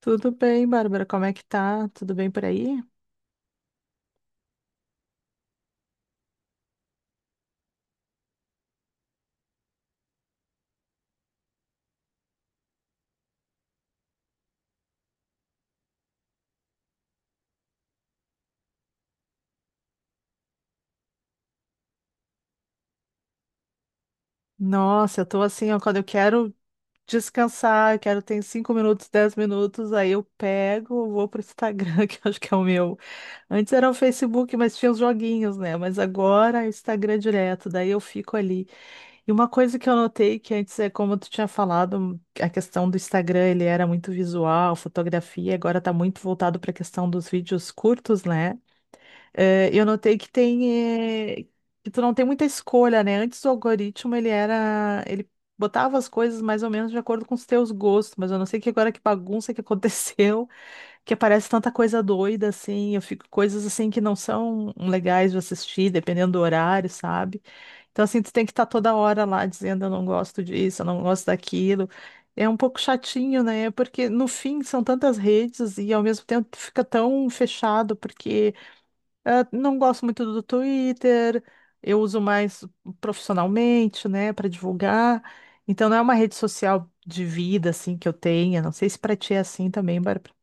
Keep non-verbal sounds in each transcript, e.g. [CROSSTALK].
Tudo bem, Bárbara? Como é que tá? Tudo bem por aí? Nossa, eu tô assim, ó, quando eu quero descansar, eu quero ter 5 minutos, 10 minutos, aí eu pego, vou pro Instagram, [LAUGHS] que eu acho que é o meu. Antes era o Facebook, mas tinha os joguinhos, né? Mas agora é o Instagram direto, daí eu fico ali. E uma coisa que eu notei que antes é como tu tinha falado, a questão do Instagram, ele era muito visual, fotografia, agora tá muito voltado para a questão dos vídeos curtos, né? É, eu notei que tem, é, que tu não tem muita escolha, né? Antes o algoritmo ele botava as coisas mais ou menos de acordo com os teus gostos, mas eu não sei que agora que bagunça que aconteceu, [LAUGHS] que aparece tanta coisa doida assim, eu fico coisas assim que não são legais de assistir, dependendo do horário, sabe? Então assim, tu tem que estar toda hora lá dizendo eu não gosto disso, eu não gosto daquilo. É um pouco chatinho, né? Porque no fim são tantas redes e ao mesmo tempo tu fica tão fechado porque ah, não gosto muito do Twitter, eu uso mais profissionalmente, né, para divulgar. Então não é uma rede social de vida assim que eu tenha. Não sei se para ti é assim também, Bárbara.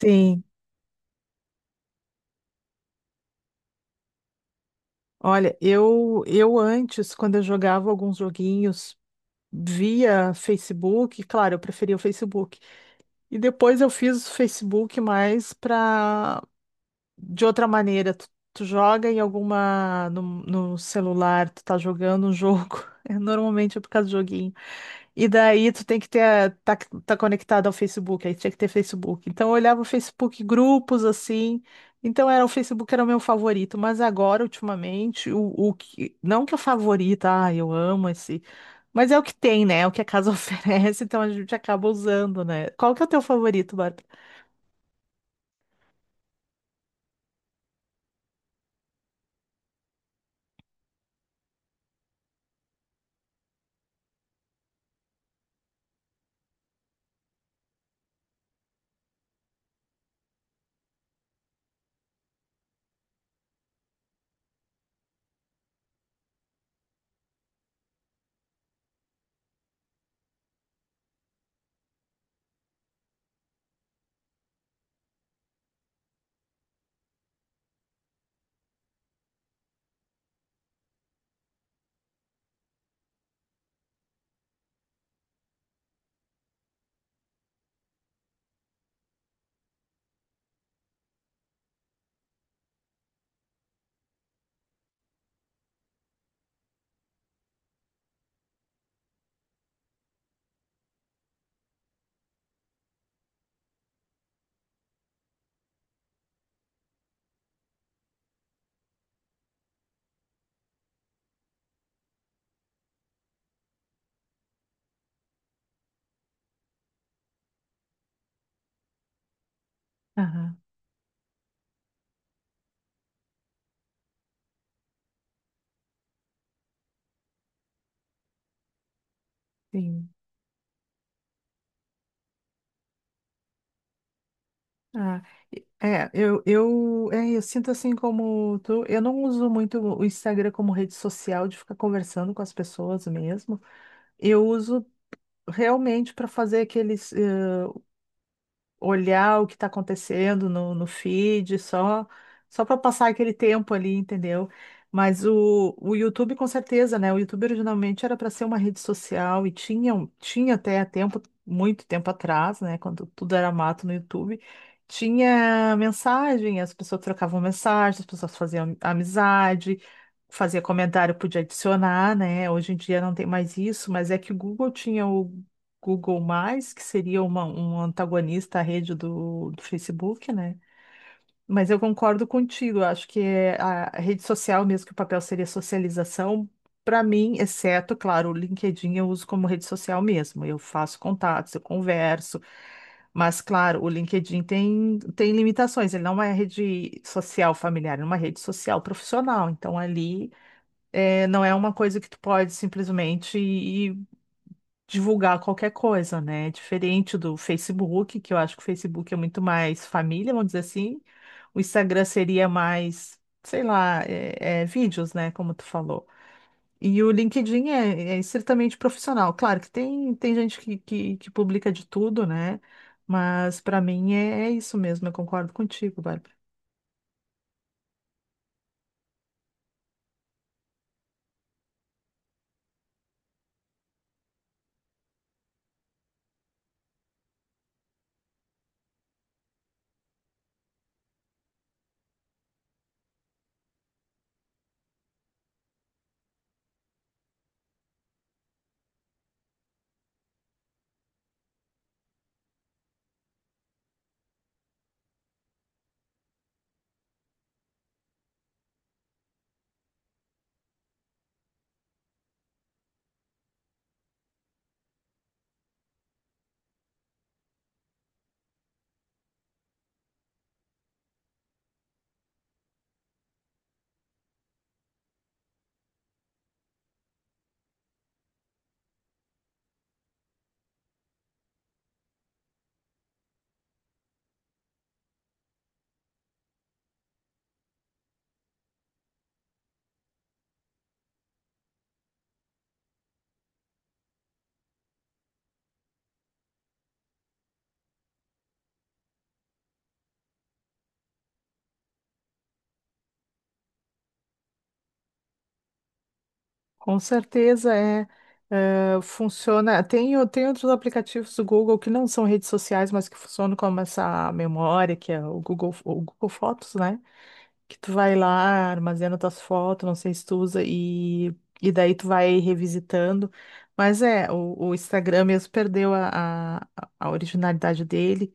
Sim. Olha, eu antes, quando eu jogava alguns joguinhos via Facebook, claro, eu preferia o Facebook. E depois eu fiz o Facebook mais para de outra maneira, tu joga em alguma. No celular, tu tá jogando um jogo. [LAUGHS] É, normalmente é por causa do joguinho. E daí tu tem que ter. Tá, tá conectado ao Facebook, aí tinha que ter Facebook. Então eu olhava o Facebook, grupos assim. Então era o Facebook era o meu favorito, mas agora, ultimamente, o que. Não que é o favorito, ah, eu amo esse. Mas é o que tem, né? É o que a casa [LAUGHS] oferece, então a gente acaba usando, né? Qual que é o teu favorito, Bárbara? Aham, sim. Ah, é, eu, é, eu sinto assim como tu, eu não uso muito o Instagram como rede social de ficar conversando com as pessoas mesmo. Eu uso realmente para fazer aqueles. Olhar o que está acontecendo no feed, só para passar aquele tempo ali, entendeu? Mas o YouTube, com certeza, né? O YouTube originalmente era para ser uma rede social e tinha, tinha até tempo, muito tempo atrás, né? Quando tudo era mato no YouTube, tinha mensagem, as pessoas trocavam mensagem, as pessoas faziam amizade. Fazia comentário, podia adicionar, né? Hoje em dia não tem mais isso, mas é que o Google tinha o Google+, que seria um antagonista à rede do Facebook, né? Mas eu concordo contigo, eu acho que é a rede social mesmo, que o papel seria socialização, para mim, exceto, claro, o LinkedIn eu uso como rede social mesmo, eu faço contatos, eu converso, mas, claro, o LinkedIn tem limitações, ele não é rede social familiar, é uma rede social profissional, então ali não é uma coisa que tu pode simplesmente ir divulgar qualquer coisa, né? Diferente do Facebook, que eu acho que o Facebook é muito mais família, vamos dizer assim. O Instagram seria mais, sei lá, vídeos, né? Como tu falou. E o LinkedIn é estritamente profissional. Claro que tem gente que publica de tudo, né? Mas para mim é isso mesmo, eu concordo contigo, Bárbara. Com certeza é, funciona. Tem outros aplicativos do Google que não são redes sociais, mas que funcionam como essa memória, que é o Google Fotos, né? Que tu vai lá, armazena tuas fotos, não sei se tu usa, e daí tu vai revisitando. Mas é, o Instagram mesmo perdeu a originalidade dele.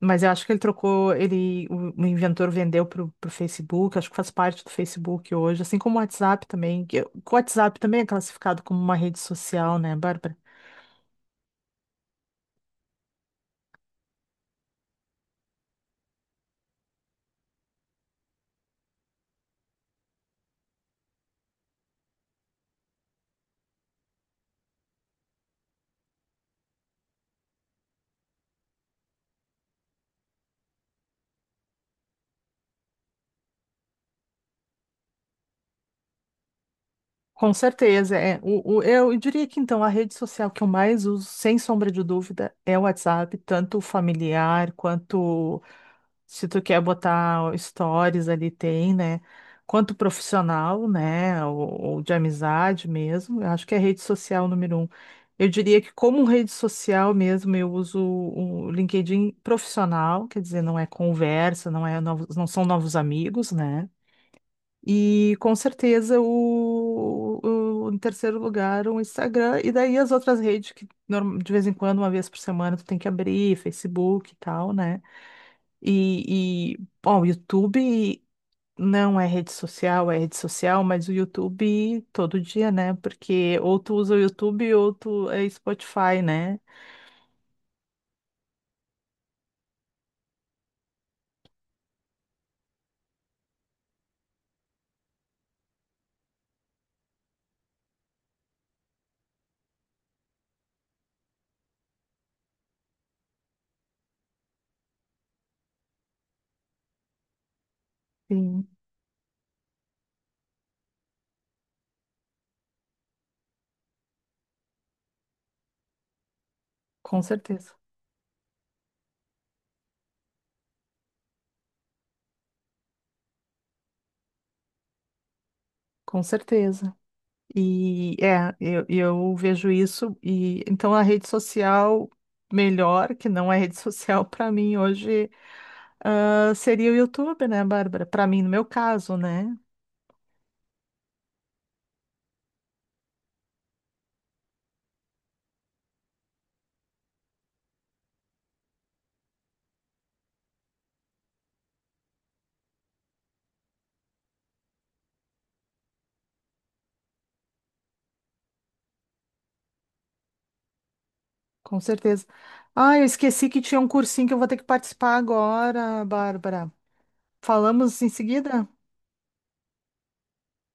Mas eu acho que ele trocou, o inventor vendeu pro Facebook, acho que faz parte do Facebook hoje, assim como o WhatsApp também, que o WhatsApp também é classificado como uma rede social, né, Bárbara? Com certeza, é. Eu diria que então a rede social que eu mais uso, sem sombra de dúvida, é o WhatsApp, tanto o familiar quanto Se tu quer botar stories ali, tem, né? Quanto profissional, né? Ou de amizade mesmo. Eu acho que é rede social número um. Eu diria que como rede social mesmo, eu uso o LinkedIn profissional, quer dizer, não é conversa, não são novos amigos, né? E com certeza em terceiro lugar o Instagram, e daí as outras redes que de vez em quando, uma vez por semana, tu tem que abrir, Facebook e tal, né? E bom, o YouTube não é rede social, é rede social, mas o YouTube todo dia, né? Porque ou tu usa o YouTube ou tu é Spotify, né? Sim, com certeza. Com certeza. E é, eu vejo isso e então a rede social melhor, que não é rede [LAUGHS] social para mim hoje, ah, seria o YouTube, né, Bárbara? Para mim, no meu caso, né? Com certeza. Ah, eu esqueci que tinha um cursinho que eu vou ter que participar agora, Bárbara. Falamos em seguida?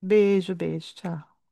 Beijo, beijo, tchau.